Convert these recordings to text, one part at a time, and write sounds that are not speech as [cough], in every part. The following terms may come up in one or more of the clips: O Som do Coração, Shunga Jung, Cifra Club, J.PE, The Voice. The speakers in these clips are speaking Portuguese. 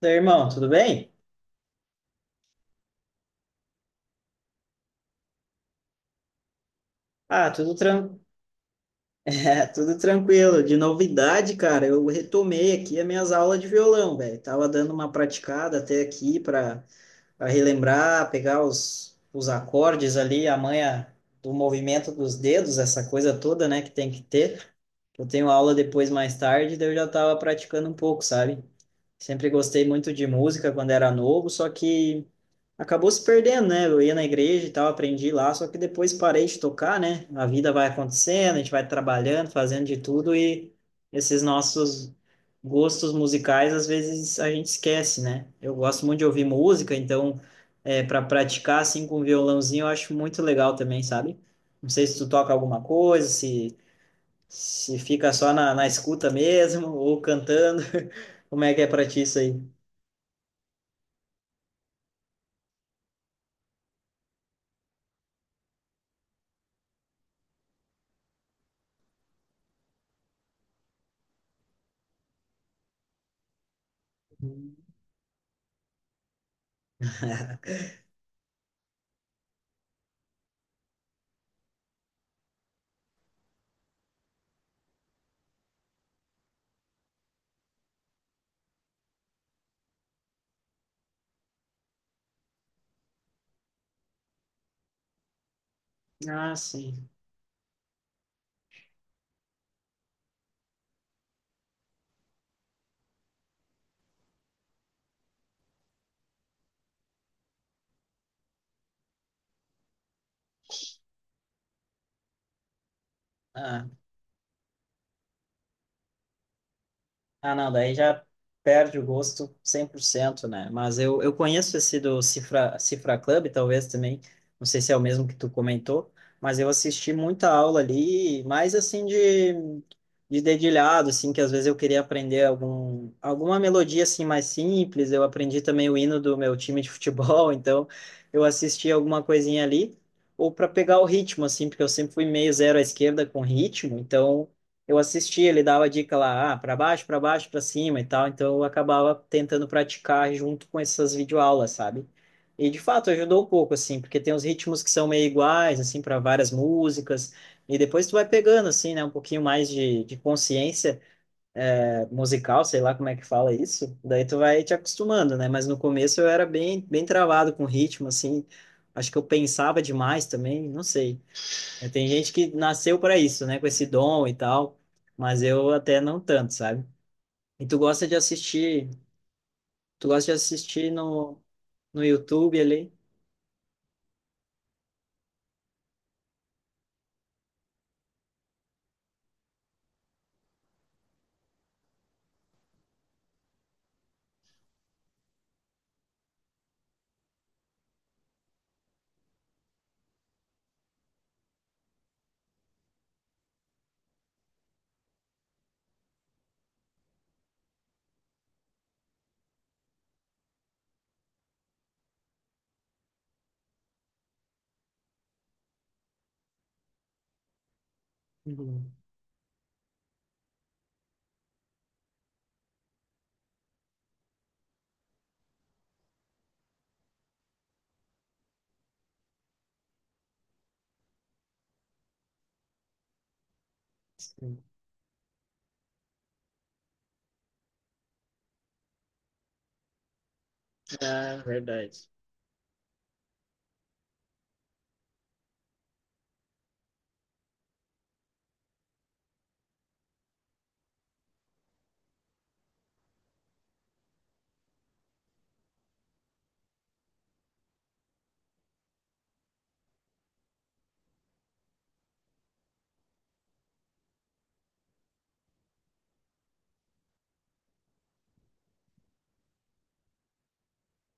Daí, irmão, tudo bem? Ah, tudo, [laughs] tudo tranquilo. De novidade, cara, eu retomei aqui as minhas aulas de violão, velho. Tava dando uma praticada até aqui para relembrar, pegar os acordes ali, a manha do movimento dos dedos, essa coisa toda, né, que tem que ter. Eu tenho aula depois mais tarde, daí eu já tava praticando um pouco, sabe? Sempre gostei muito de música quando era novo, só que acabou se perdendo, né? Eu ia na igreja e tal, aprendi lá, só que depois parei de tocar, né? A vida vai acontecendo, a gente vai trabalhando, fazendo de tudo e esses nossos gostos musicais às vezes a gente esquece, né? Eu gosto muito de ouvir música, então para praticar assim com um violãozinho eu acho muito legal também, sabe? Não sei se tu toca alguma coisa, se fica só na escuta mesmo, ou cantando, [laughs] como é que é pra ti isso aí? Ah, sim. Ah, Ah, não, daí já perde o gosto 100%, né? Mas eu conheço esse do Cifra, Cifra Club, talvez também, não sei se é o mesmo que tu comentou, mas eu assisti muita aula ali, mais assim de dedilhado, assim, que às vezes eu queria aprender alguma melodia assim mais simples, eu aprendi também o hino do meu time de futebol, [laughs] então eu assisti alguma coisinha ali, ou para pegar o ritmo, assim, porque eu sempre fui meio zero à esquerda com ritmo, então eu assistia, ele dava dica lá, ah, para baixo, para baixo, para cima e tal, então eu acabava tentando praticar junto com essas videoaulas, sabe? E de fato ajudou um pouco assim, porque tem uns ritmos que são meio iguais assim para várias músicas, e depois tu vai pegando assim, né, um pouquinho mais de consciência musical, sei lá como é que fala isso. Daí tu vai te acostumando, né? Mas no começo eu era bem bem travado com ritmo assim. Acho que eu pensava demais também, não sei. É, tem gente que nasceu para isso, né? Com esse dom e tal, mas eu até não tanto, sabe? E tu gosta de assistir, tu gosta de assistir no YouTube ali? Uhum. Sim. Ah, verdade.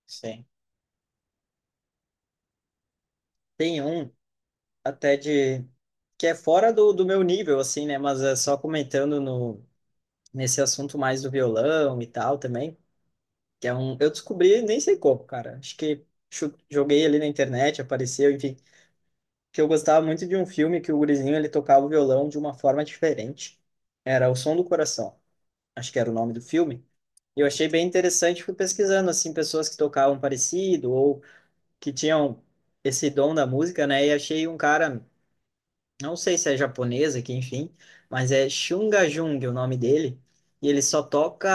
Sim. Tem um até de que é fora do, do meu nível, assim, né? Mas é só comentando no, nesse assunto mais do violão e tal também. Que é um. Eu descobri, nem sei como, cara. Acho que joguei ali na internet, apareceu, enfim, que eu gostava muito de um filme que o gurizinho ele tocava o violão de uma forma diferente. Era O Som do Coração, acho que era o nome do filme. E eu achei bem interessante, fui pesquisando assim pessoas que tocavam parecido ou que tinham esse dom da música, né? E achei um cara, não sei se é japonesa, que enfim, mas é Shunga Jung o nome dele, e ele só toca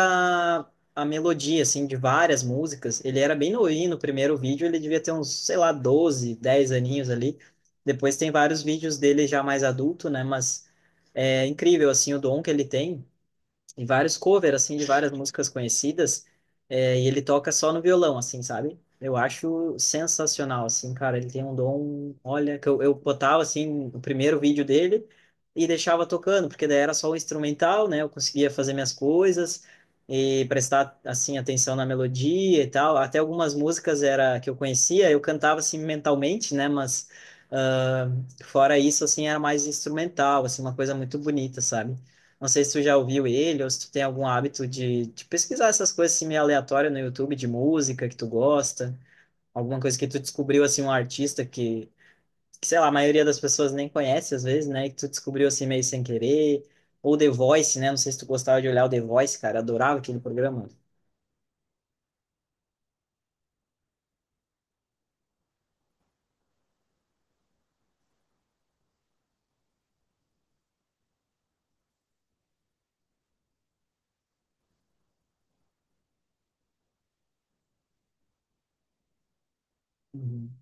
a melodia, assim, de várias músicas. Ele era bem novinho no primeiro vídeo, ele devia ter uns, sei lá, 12, 10 aninhos ali. Depois tem vários vídeos dele já mais adulto, né, mas é incrível, assim, o dom que ele tem e vários covers, assim, de várias músicas conhecidas, e ele toca só no violão, assim, sabe? Eu acho sensacional, assim, cara, ele tem um dom, olha, que eu botava, assim, o primeiro vídeo dele e deixava tocando, porque daí era só o instrumental, né, eu conseguia fazer minhas coisas e prestar, assim, atenção na melodia e tal, até algumas músicas era que eu conhecia, eu cantava, assim, mentalmente, né, mas... ah, fora isso, assim, era mais instrumental, assim, uma coisa muito bonita, sabe? Não sei se tu já ouviu ele ou se tu tem algum hábito de pesquisar essas coisas assim, meio aleatórias no YouTube de música que tu gosta, alguma coisa que tu descobriu assim um artista que sei lá, a maioria das pessoas nem conhece às vezes, né? E que tu descobriu assim meio sem querer, ou The Voice, né? Não sei se tu gostava de olhar o The Voice, cara, adorava aquele programa. Uhum.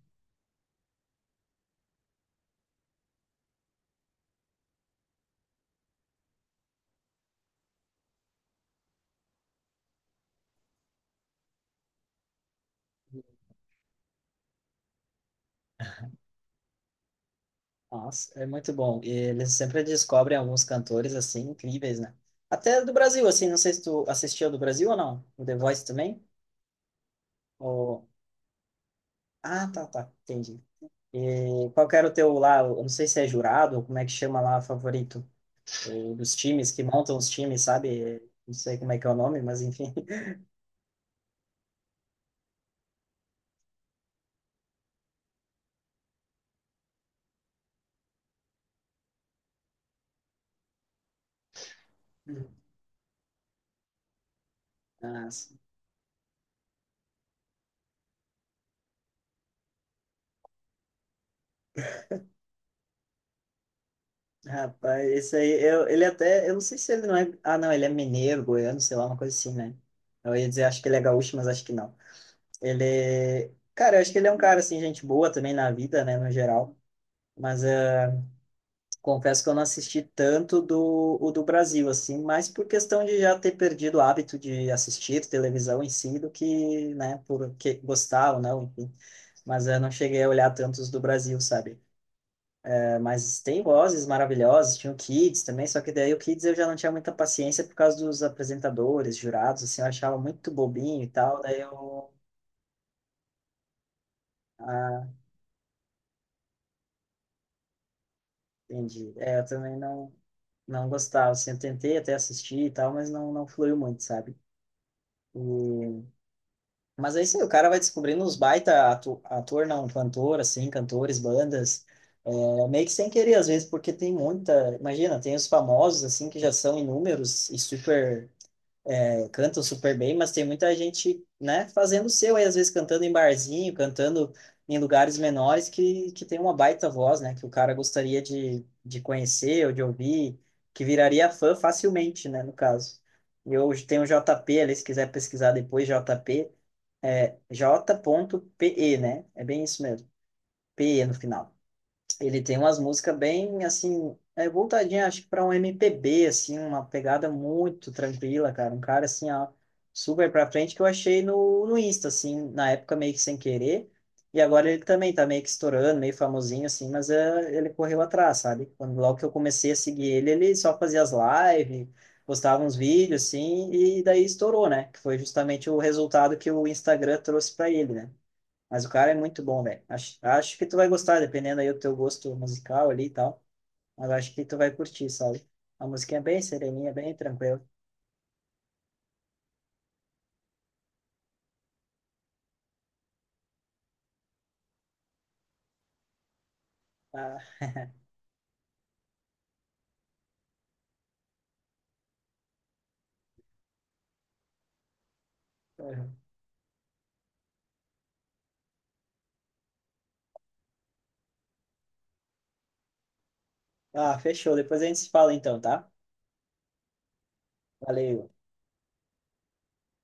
Nossa, é muito bom. E eles sempre descobrem alguns cantores assim incríveis, né? Até do Brasil, assim, não sei se tu assistiu do Brasil ou não, o The Voice também? Ou... Ah, tá, tá, entendi. E qual que era o teu lá? Eu não sei se é jurado, ou como é que chama lá, favorito? O dos times que montam os times, sabe? Não sei como é que é o nome, mas enfim. [laughs] Nossa. Rapaz, esse aí, eu, ele até, eu não sei se ele não é, ah não, ele é mineiro, goiano, sei lá, uma coisa assim, né? Eu ia dizer, acho que ele é gaúcho, mas acho que não. Ele, cara, eu acho que ele é um cara, assim, gente boa também na vida, né, no geral. Mas confesso que eu não assisti tanto o do Brasil, assim, mas por questão de já ter perdido o hábito de assistir televisão em si, do que, né, porque gostar ou não, enfim. Mas eu não cheguei a olhar tantos do Brasil, sabe? É, mas tem vozes maravilhosas, tinha o Kids também, só que daí o Kids eu já não tinha muita paciência por causa dos apresentadores, jurados, assim, eu achava muito bobinho e tal, daí eu... Ah, entendi. É, eu também não, não gostava, assim, eu tentei até assistir e tal, mas não, não fluiu muito, sabe? E Mas aí sim, o cara vai descobrindo uns baita ator, não, cantor, assim, cantores, bandas, meio que sem querer, às vezes, porque tem muita, imagina, tem os famosos, assim, que já são inúmeros e super, cantam super bem, mas tem muita gente, né, fazendo o seu aí, às vezes cantando em barzinho, cantando em lugares menores que tem uma baita voz, né, que o cara gostaria de conhecer ou de ouvir, que viraria fã facilmente, né, no caso. Eu tenho o JP ali, se quiser pesquisar depois, JP, é J.PE, né? É bem isso mesmo. PE no final. Ele tem umas músicas bem, assim, voltadinha, acho que pra um MPB, assim, uma pegada muito tranquila, cara. Um cara, assim, ó, super pra frente, que eu achei no Insta, assim, na época meio que sem querer. E agora ele também tá meio que estourando, meio famosinho, assim, mas ele correu atrás, sabe? Quando, logo que eu comecei a seguir ele, ele só fazia as lives, postava uns vídeos, assim, e daí estourou, né? Que foi justamente o resultado que o Instagram trouxe pra ele, né? Mas o cara é muito bom, velho. Acho que tu vai gostar, dependendo aí do teu gosto musical ali e tal. Mas acho que tu vai curtir, sabe? A música é bem sereninha, bem tranquila. Ah, uhum. Fechou. Depois a gente se fala então, tá? Valeu.